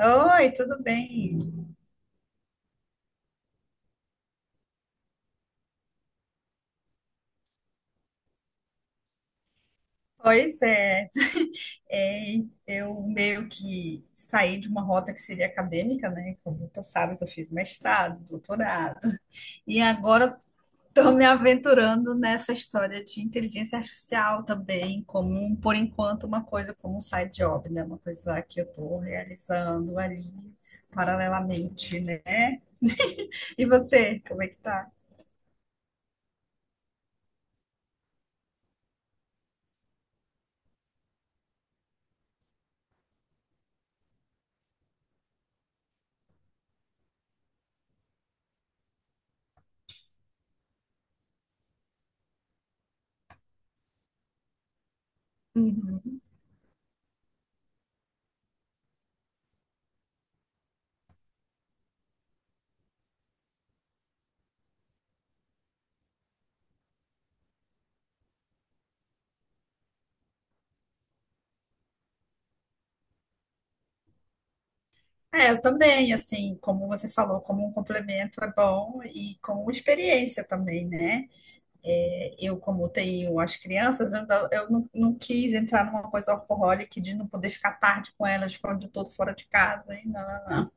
Oi, tudo bem? Pois é, é, eu meio que saí de uma rota que seria acadêmica, né? Como tu sabes, eu fiz mestrado, doutorado, e agora estou me aventurando nessa história de inteligência artificial também, como, por enquanto, uma coisa como um side job, né? Uma coisa que eu estou realizando ali paralelamente, né? E você, como é que tá? É, eu também, assim, como você falou, como um complemento é bom e com experiência também, né? É, eu, como tenho as crianças, eu, não, não quis entrar numa coisa alcoólica de não poder ficar tarde com elas quando eu estou fora de casa. E não, não, não.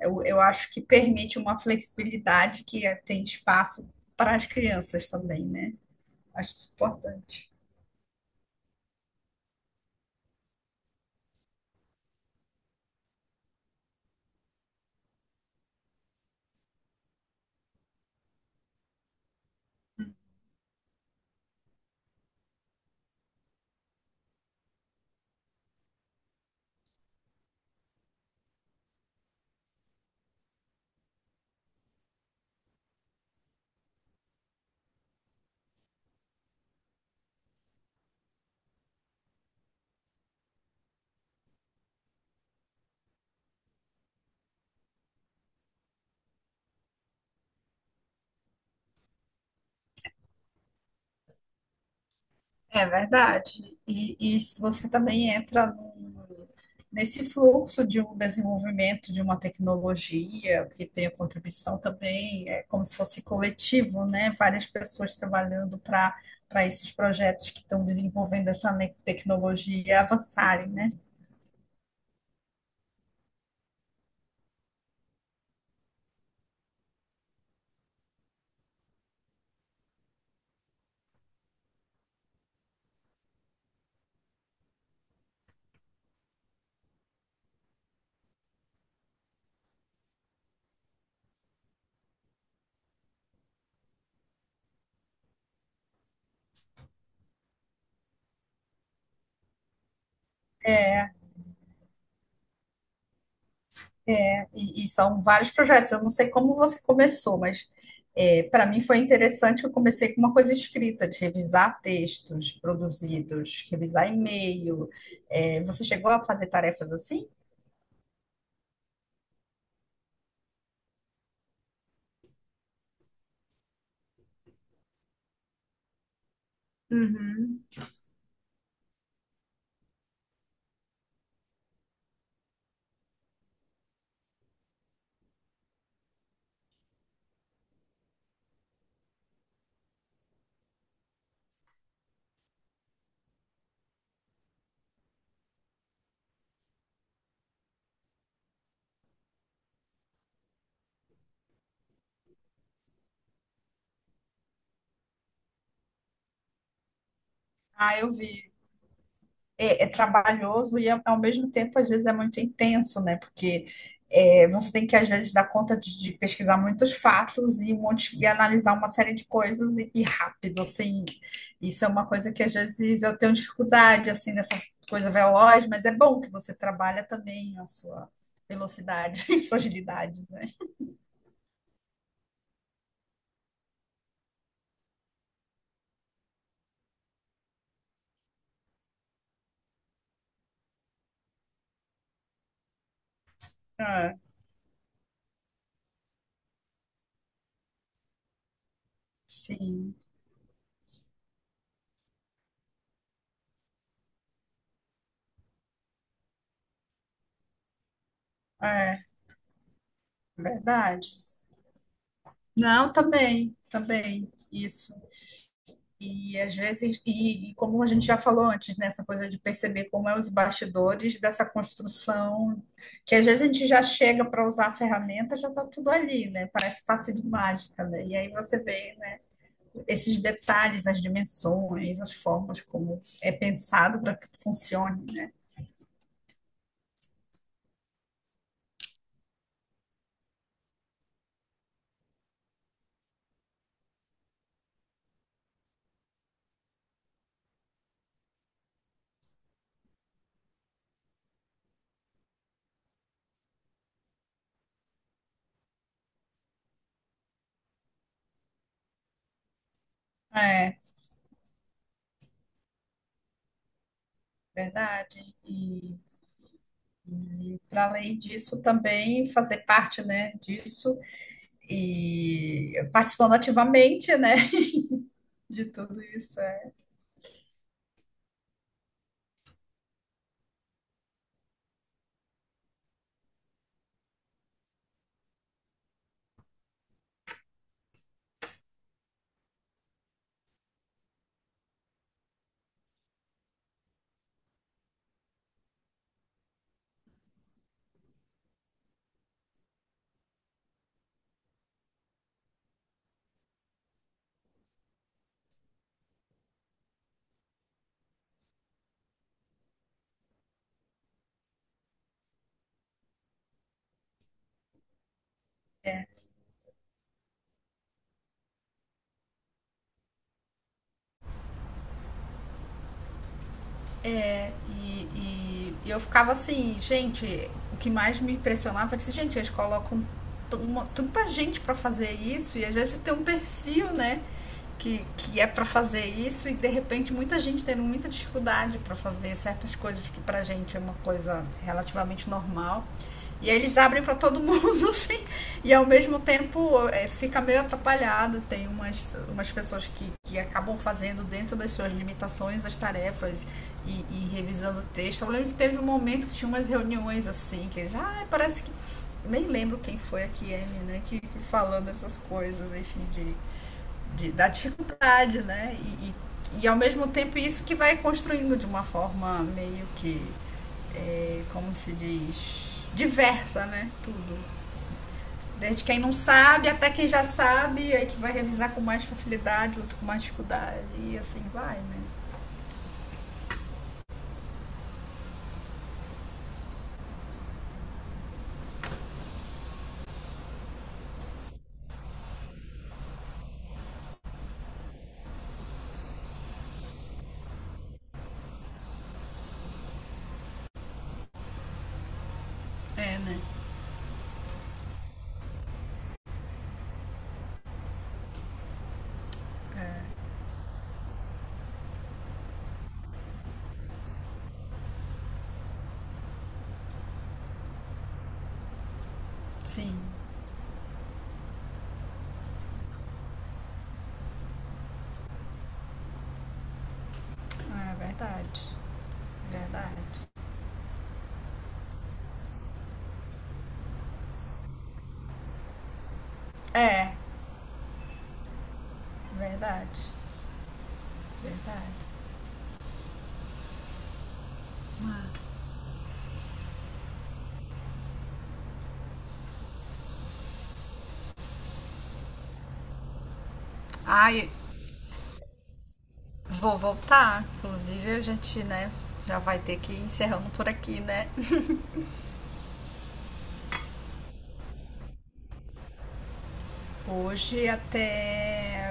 Eu acho que permite uma flexibilidade tem espaço para as crianças também, né? Acho isso importante. É verdade. E se você também entra num- nesse fluxo de um desenvolvimento de uma tecnologia que tem a contribuição também, é como se fosse coletivo, né? Várias pessoas trabalhando para esses projetos que estão desenvolvendo tecnologia avançarem, né? E são vários projetos. Eu não sei como você começou, mas é, para mim foi interessante que eu comecei com uma coisa escrita, de revisar textos produzidos, revisar e-mail. É, você chegou a fazer tarefas assim? Uhum. Ah, eu vi. É trabalhoso e, ao mesmo tempo, às vezes é muito intenso, né? Porque é, você tem que, às vezes, dar conta de pesquisar muitos fatos e, um monte, e analisar uma série de coisas e rápido, assim. Isso é uma coisa que, às vezes, eu tenho dificuldade, assim, nessa coisa veloz, mas é bom que você trabalha também a sua velocidade e sua agilidade, né? Ah, sim, é verdade. Não, também, também, isso. E às vezes, e como a gente já falou antes, né, essa coisa de perceber como é os bastidores dessa construção, que às vezes a gente já chega para usar a ferramenta, já está tudo ali, né? Parece passe de mágica, né? E aí você vê, né, esses detalhes, as dimensões, as formas como é pensado para que funcione, né? É, verdade. E para além disso, também fazer parte, né, disso e participando ativamente, né, de tudo isso. É. E eu ficava assim, gente, o que mais me impressionava era assim, gente, eles colocam tanta gente para fazer isso, e às vezes tem um perfil, né? Que é para fazer isso, e de repente muita gente tendo muita dificuldade para fazer certas coisas que pra gente é uma coisa relativamente normal. E aí eles abrem para todo mundo, assim, e ao mesmo tempo é, fica meio atrapalhado. Tem umas, umas pessoas que acabam fazendo dentro das suas limitações as tarefas e revisando o texto. Eu lembro que teve um momento que tinha umas reuniões assim, que já ah, parece que. Nem lembro quem foi a Kiemi, né? Que falando essas coisas, enfim, de, da dificuldade, né? E ao mesmo tempo isso que vai construindo de uma forma meio que, é, como se diz, diversa, né? Tudo. Desde quem não sabe até quem já sabe, aí que vai revisar com mais facilidade, outro com mais dificuldade. E assim vai, né? É, né? É, sim, é verdade. Verdade. É, verdade, verdade. Ai, vou voltar. Inclusive, a gente, né, já vai ter que ir encerrando por aqui, né? Hoje até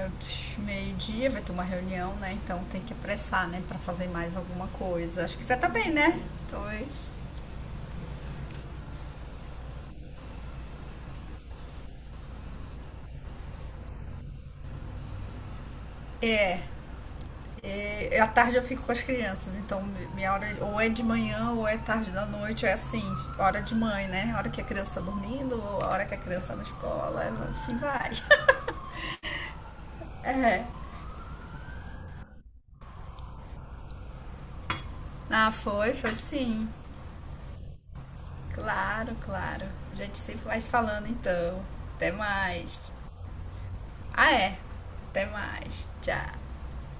meio-dia vai ter uma reunião, né? Então tem que apressar, né, para fazer mais alguma coisa. Acho que você tá bem, né? Dois. É, e à tarde eu fico com as crianças, então minha hora ou é de manhã ou é tarde da noite, é assim, hora de mãe, né? A hora que a criança tá dormindo, ou a hora que a criança tá na escola, é assim vai. É. Ah, foi, foi sim. Claro, claro. A gente sempre vai se falando então. Até mais. Ah, é. Até mais. Tchau.